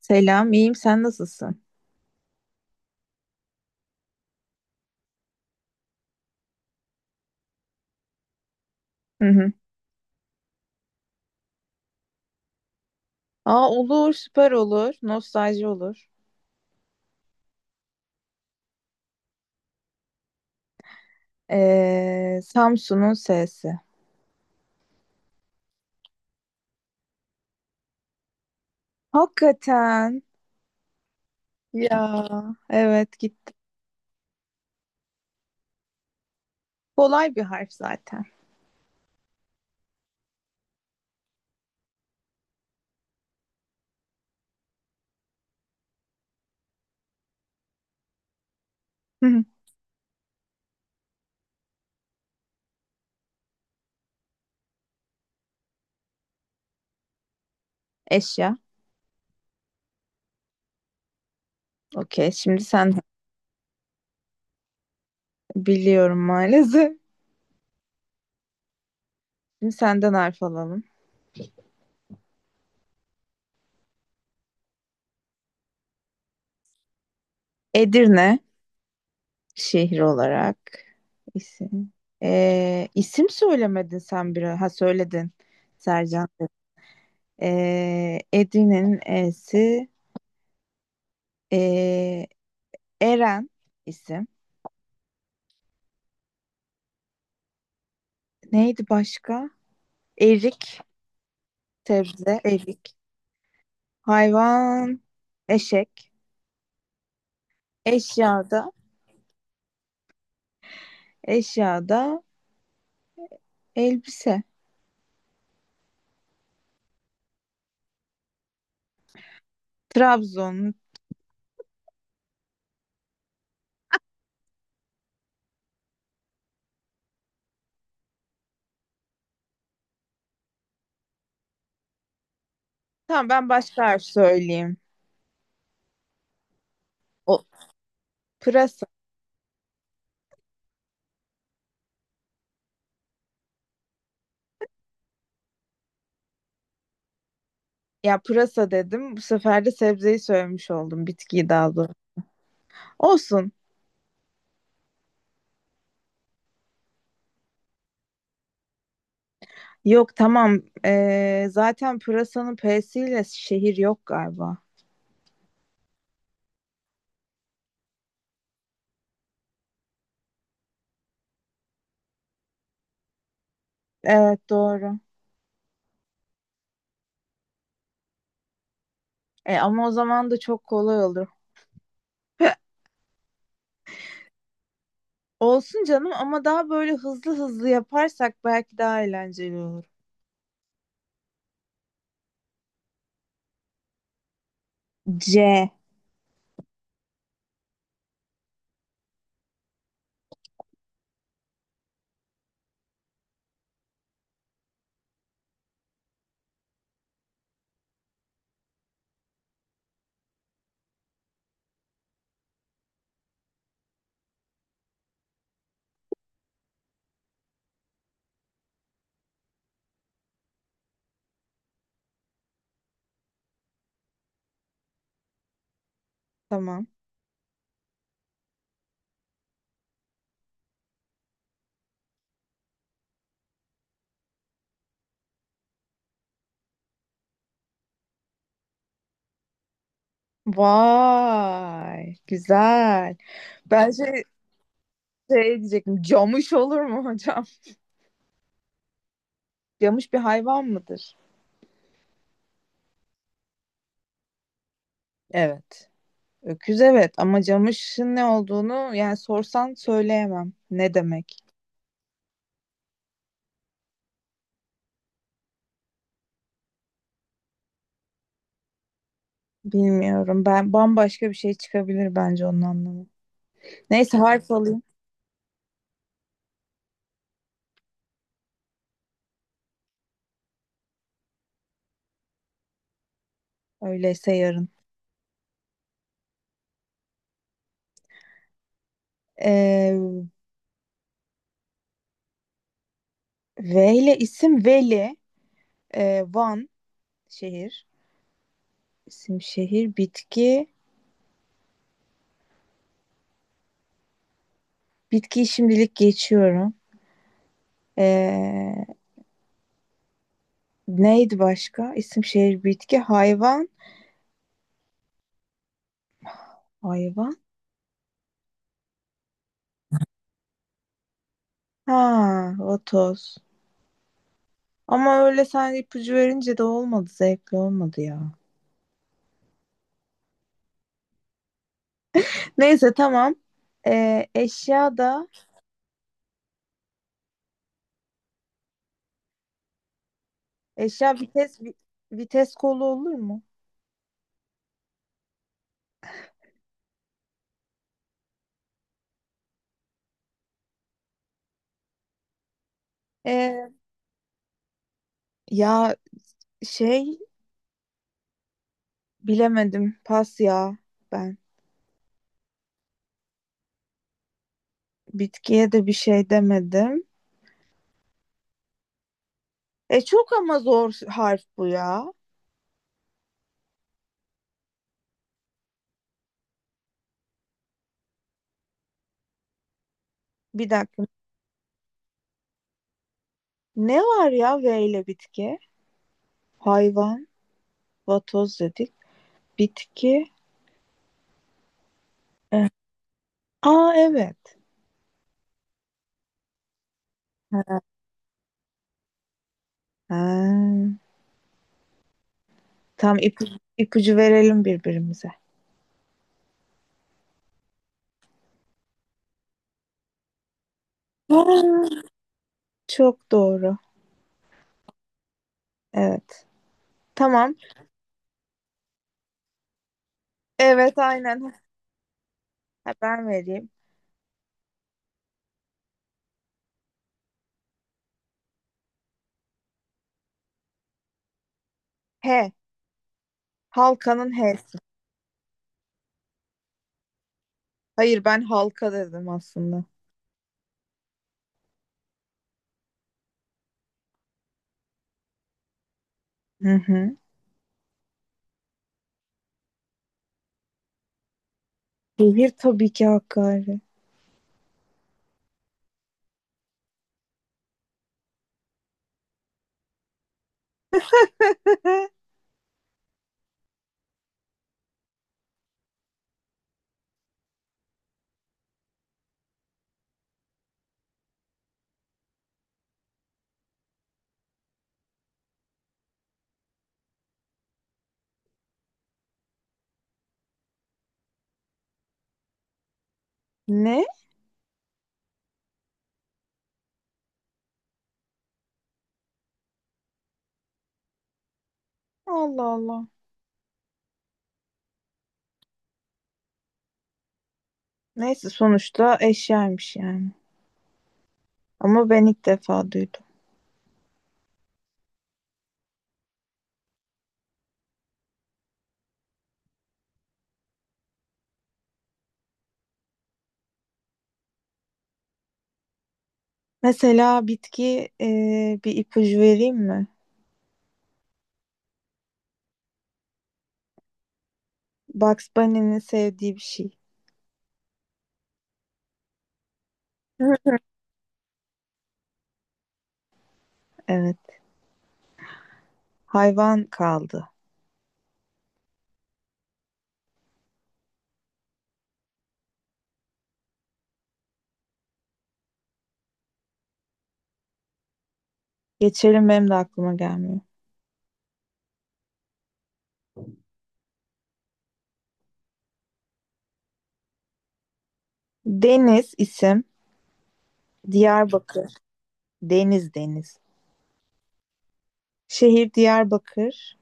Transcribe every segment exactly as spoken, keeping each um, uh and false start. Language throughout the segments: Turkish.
Selam, iyiyim. Sen nasılsın? Hı hı. Aa, olur, süper olur. Nostalji olur. Ee, Samsun'un S'si. Hakikaten. Ya, evet gitti. Kolay bir harf zaten. Hı hı. Eşya. Okey. Şimdi sen biliyorum maalesef. Şimdi senden harf alalım. Edirne şehir olarak isim. Ee, isim söylemedin sen bir. Ha söyledin. Sercan. Ee, Edirne'nin E'si. Ee, Eren isim. Neydi başka? Erik, sebze, erik. Hayvan, eşek. Eşyada, eşyada elbise. Trabzon. Tamam ben başka harf söyleyeyim. O pırasa. Ya pırasa dedim. Bu sefer de sebzeyi söylemiş oldum. Bitkiyi daha doğrusu. Olsun. Yok tamam. Ee, zaten pırasanın P'siyle şehir yok galiba. Evet doğru. E, ama o zaman da çok kolay olur. Olsun canım ama daha böyle hızlı hızlı yaparsak belki daha eğlenceli olur. C. Tamam. Vay, güzel. Ben şey, şey diyecektim. Camış olur mu hocam? Camış bir hayvan mıdır? Evet. Öküz evet ama camışın ne olduğunu yani sorsan söyleyemem. Ne demek? Bilmiyorum. Ben bambaşka bir şey çıkabilir bence onun anlamı. Neyse harf alayım. Öyleyse yarın. Ee, V ile isim Veli. Ee, Van. Şehir. İsim şehir. Bitki. Bitkiyi şimdilik geçiyorum. Ee, Neydi başka? İsim şehir bitki. Hayvan. Hayvan. Ha, vatoz. Ama öyle sen ipucu verince de olmadı. Zevkli olmadı ya. Neyse tamam. Ee, eşya da eşya vites vi- vites kolu olur mu? Ee, ya şey bilemedim. Pas ya ben. Bitkiye de bir şey demedim. E çok ama zor harf bu ya. Bir dakika. Ne var ya V ile bitki? Hayvan, vatoz dedik. Bitki. Eh, aa evet. Ha. Tam ipucu, ipucu verelim birbirimize. Aa, çok doğru. Evet. Tamam. Evet aynen. Ha, ben vereyim. H. Halkanın H'si. Hayır ben halka dedim aslında. Hı hı. Şehir tabii ki Hakkari. Ne? Allah Allah. Neyse sonuçta eşyaymış yani. Ama ben ilk defa duydum. Mesela bitki e, bir ipucu vereyim mi? Bugs Bunny'nin sevdiği bir şey. Evet. Hayvan kaldı. Geçelim benim de aklıma gelmiyor. Deniz isim. Diyarbakır. Deniz deniz. Şehir Diyarbakır.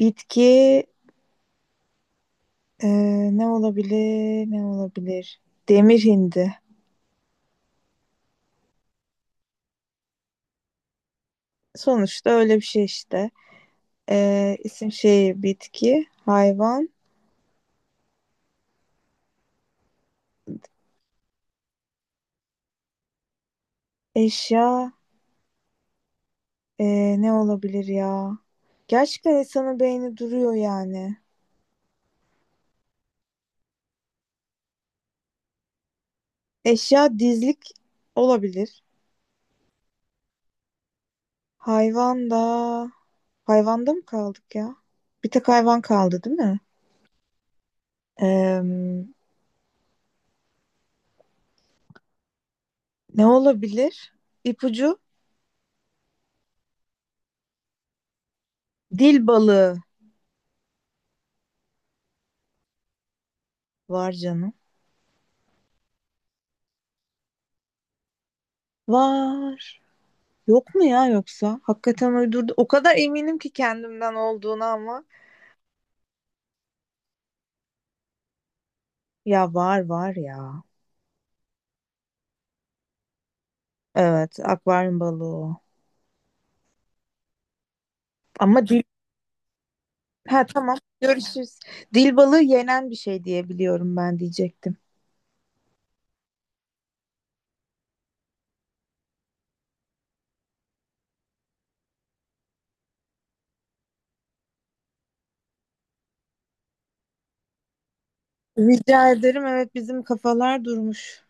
Bitki e, ne olabilir? Ne olabilir? Demir hindi. Sonuçta öyle bir şey işte. E, isim şehir bitki. Hayvan. Eşya. Ee, ne olabilir ya? Gerçekten insanın beyni duruyor yani. Eşya dizlik olabilir. Hayvan da... Hayvanda mı kaldık ya? Bir tek hayvan kaldı değil mi? Ee, ne olabilir? İpucu? Dil balığı var canım. Var. Yok mu ya yoksa? Hakikaten uydurdu. O kadar eminim ki kendimden olduğuna ama. Ya var var ya. Evet, akvaryum balığı o. Ama ha tamam. Görüşürüz. Dil balığı yenen bir şey diye biliyorum ben diyecektim. Rica ederim. Evet bizim kafalar durmuş.